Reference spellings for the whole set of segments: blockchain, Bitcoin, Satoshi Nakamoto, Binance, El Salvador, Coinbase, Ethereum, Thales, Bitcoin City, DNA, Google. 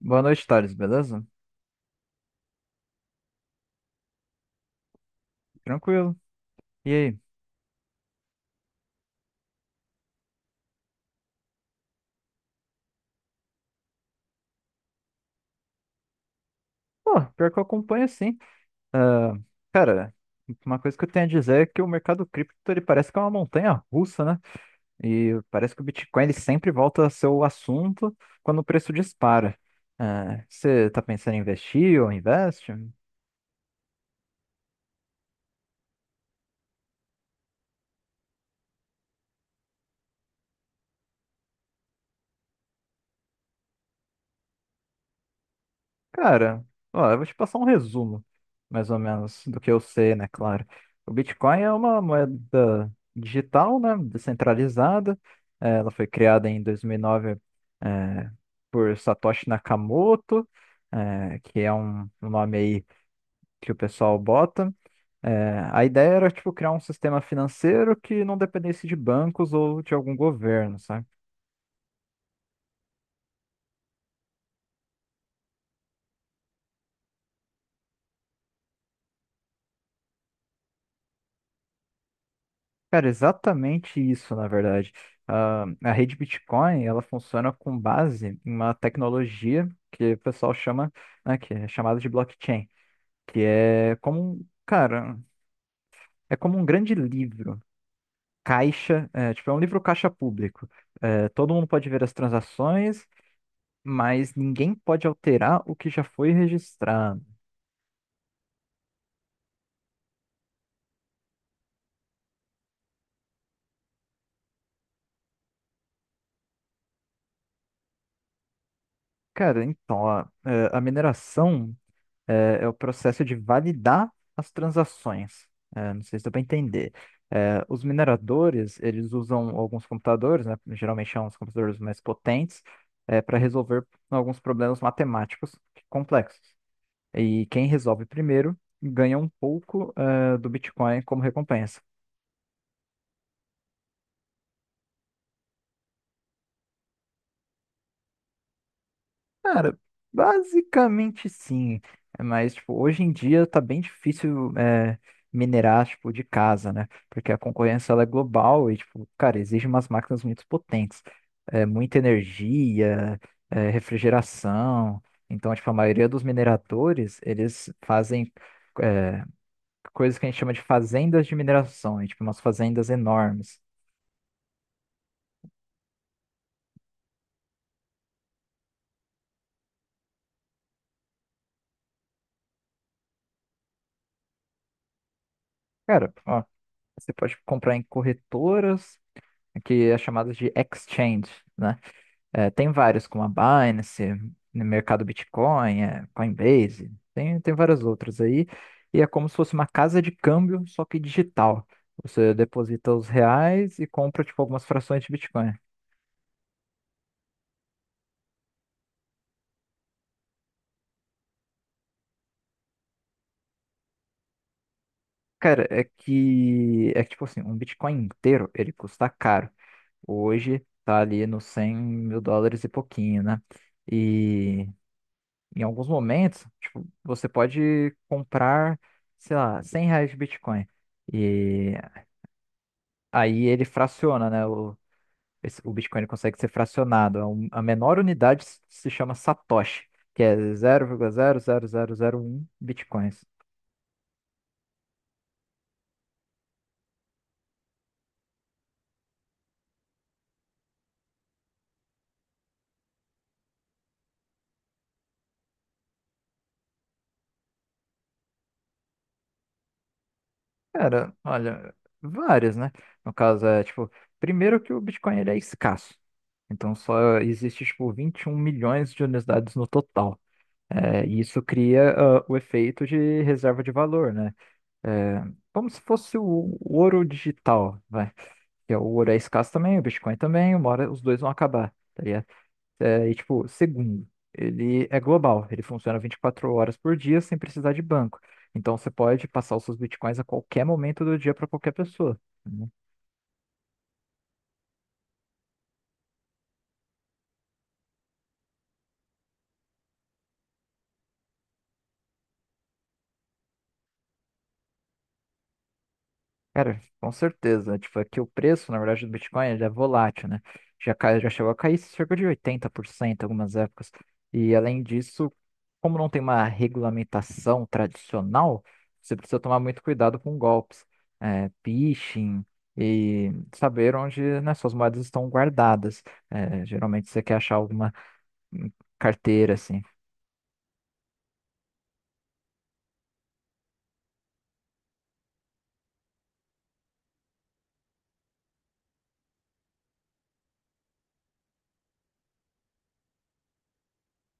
Boa noite, Thales, beleza? Tranquilo. E aí? Pô, pior que eu acompanho sim. Ah, cara, uma coisa que eu tenho a dizer é que o mercado cripto ele parece que é uma montanha russa, né? E parece que o Bitcoin ele sempre volta a ser o assunto quando o preço dispara. Ah, você tá pensando em investir ou investe? Cara, ó, eu vou te passar um resumo, mais ou menos, do que eu sei, né? Claro. O Bitcoin é uma moeda digital, né? Descentralizada. Ela foi criada em 2009, eh, por Satoshi Nakamoto, que é um nome aí que o pessoal bota. A ideia era, tipo, criar um sistema financeiro que não dependesse de bancos ou de algum governo, sabe? Cara, exatamente isso, na verdade. Ah, a rede Bitcoin, ela funciona com base em uma tecnologia que o pessoal chama, né, que é chamada de blockchain, que é como, cara, é como um grande livro, caixa, é, tipo, é um livro caixa público. É, todo mundo pode ver as transações, mas ninguém pode alterar o que já foi registrado. Cara, então, ó, é, a mineração é o processo de validar as transações. É, não sei se dá para entender. É, os mineradores, eles usam alguns computadores, né, geralmente são os computadores mais potentes, para resolver alguns problemas matemáticos complexos. E quem resolve primeiro ganha um pouco, é, do Bitcoin como recompensa. Cara, basicamente sim. É, mas, tipo, hoje em dia tá bem difícil é, minerar, tipo, de casa, né? Porque a concorrência, ela é global e, tipo, cara, exige umas máquinas muito potentes. É, muita energia, é, refrigeração. Então, tipo, a maioria dos mineradores, eles fazem é, coisas que a gente chama de fazendas de mineração. É, tipo, umas fazendas enormes. Cara, ó, você pode comprar em corretoras, que é chamada de exchange, né? É, tem vários, como a Binance, no mercado Bitcoin, é, Coinbase, tem várias outras aí. E é como se fosse uma casa de câmbio, só que digital. Você deposita os reais e compra, tipo, algumas frações de Bitcoin. Cara, é que, tipo assim, um Bitcoin inteiro, ele custa caro. Hoje tá ali nos US$ 100 mil e pouquinho, né? E em alguns momentos, tipo, você pode comprar, sei lá, R$ 100 de Bitcoin. E aí ele fraciona, né? O Bitcoin consegue ser fracionado. A menor unidade se chama Satoshi, que é zero vírgula zero zero zero zero vírgula um Bitcoins. Cara, olha, vários, né? No caso, é tipo, primeiro que o Bitcoin ele é escasso. Então só existe, tipo, 21 milhões de unidades no total. É, e isso cria o efeito de reserva de valor, né? É, como se fosse o ouro digital, vai. Que é o ouro é escasso também, o Bitcoin também, uma hora os dois vão acabar, tá ligado? É, e tipo, segundo, ele é global, ele funciona 24 horas por dia sem precisar de banco. Então você pode passar os seus Bitcoins a qualquer momento do dia para qualquer pessoa, né? Cara, com certeza. Tipo, é que o preço, na verdade, do Bitcoin ele é volátil, né? Já chegou a cair cerca de 80% em algumas épocas. E além disso, como não tem uma regulamentação tradicional, você precisa tomar muito cuidado com golpes, é, phishing e saber onde, né, suas moedas estão guardadas. É, geralmente você quer achar alguma hum, carteira assim.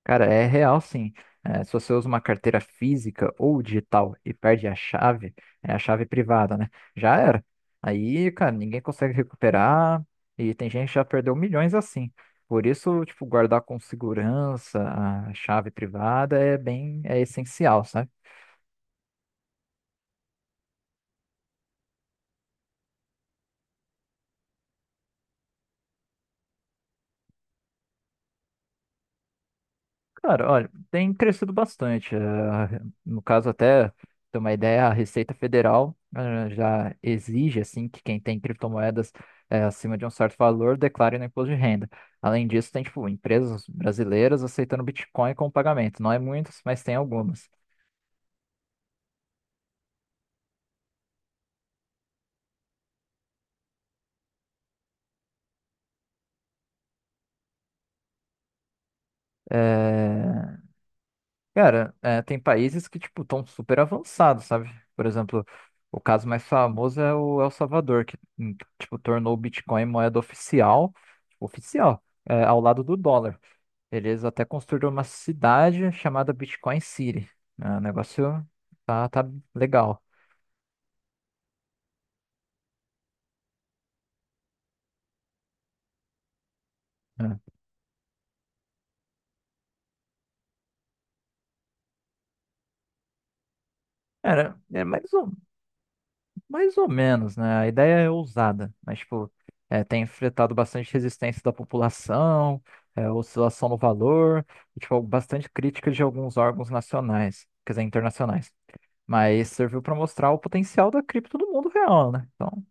Cara, é real sim. É, se você usa uma carteira física ou digital e perde a chave, é a chave privada, né? Já era. Aí, cara, ninguém consegue recuperar e tem gente que já perdeu milhões assim. Por isso, tipo, guardar com segurança a chave privada é essencial, sabe? Cara, olha, tem crescido bastante. No caso, até ter uma ideia, a Receita Federal já exige assim que quem tem criptomoedas acima de um certo valor declare no imposto de renda. Além disso, tem tipo empresas brasileiras aceitando Bitcoin como pagamento. Não é muitas, mas tem algumas. Eh, Cara, é, tem países que, tipo, estão super avançados, sabe? Por exemplo, o caso mais famoso é o El Salvador, que, tipo, tornou o Bitcoin moeda oficial, é, ao lado do dólar. Eles até construíram uma cidade chamada Bitcoin City, né? O negócio tá legal. Né? Cara, é mais... mais ou menos, né? A ideia é ousada, mas, tipo, é, tem enfrentado bastante resistência da população, é, oscilação no valor, e, tipo, bastante crítica de alguns órgãos nacionais, quer dizer, internacionais. Mas serviu para mostrar o potencial da cripto do mundo real, né? Então.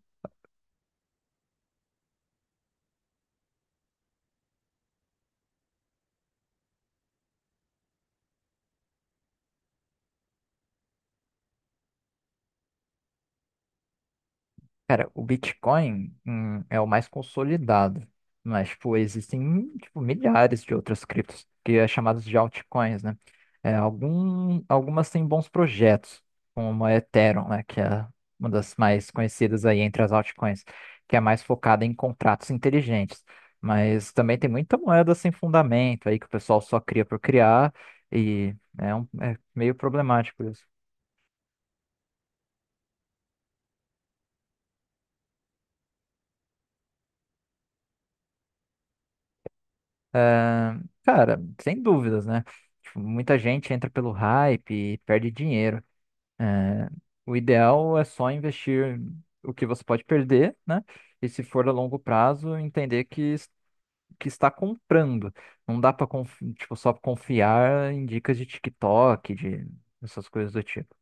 Cara, o Bitcoin, é o mais consolidado, mas, tipo, existem, tipo, milhares de outras criptos, que é chamadas de altcoins, né? É, algumas têm bons projetos, como a Ethereum, né, que é uma das mais conhecidas aí entre as altcoins, que é mais focada em contratos inteligentes. Mas também tem muita moeda sem fundamento aí, que o pessoal só cria por criar, e é meio problemático isso. Ah, cara, sem dúvidas, né? Tipo, muita gente entra pelo hype e perde dinheiro. Ah, o ideal é só investir o que você pode perder, né? E se for a longo prazo, entender que está comprando. Não dá para tipo, só confiar em dicas de TikTok, de essas coisas do tipo.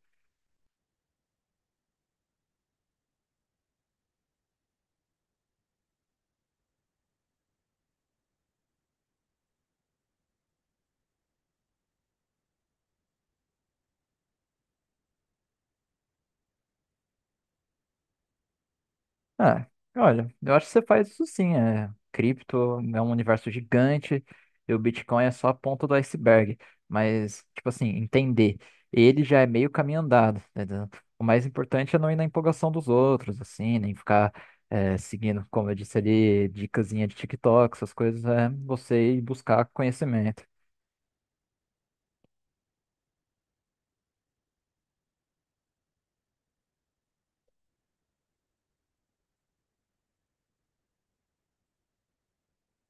Ah, olha, eu acho que você faz isso sim. É. Cripto é um universo gigante e o Bitcoin é só a ponta do iceberg. Mas, tipo assim, entender. Ele já é meio caminho andado, tá. O mais importante é não ir na empolgação dos outros, assim, nem ficar é, seguindo, como eu disse ali, dicasinha de TikTok, essas coisas, é você ir buscar conhecimento.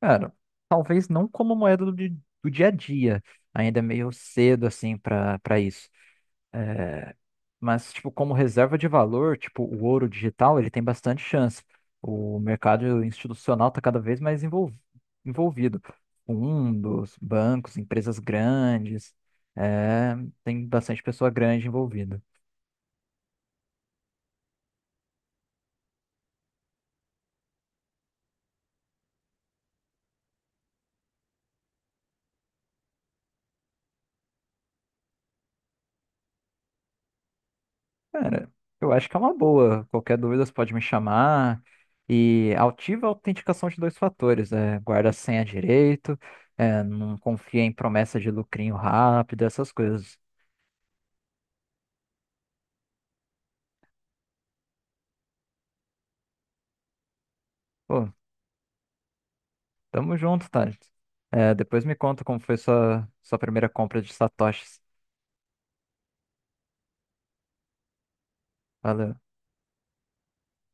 Cara, talvez não como moeda do dia a dia, ainda é meio cedo, assim, para isso. eh, Mas, tipo, como reserva de valor, tipo, o ouro digital, ele tem bastante chance. O mercado institucional está cada vez mais envolvido. Fundos, bancos, empresas grandes. É, tem bastante pessoa grande envolvida. Cara, eu acho que é uma boa. Qualquer dúvida, você pode me chamar. E ativa a autenticação de dois fatores. É, guarda a senha direito. É, não confia em promessa de lucrinho rápido, essas coisas. Pô, tamo junto, Thales. É, depois me conta como foi sua primeira compra de satoshis. Valeu.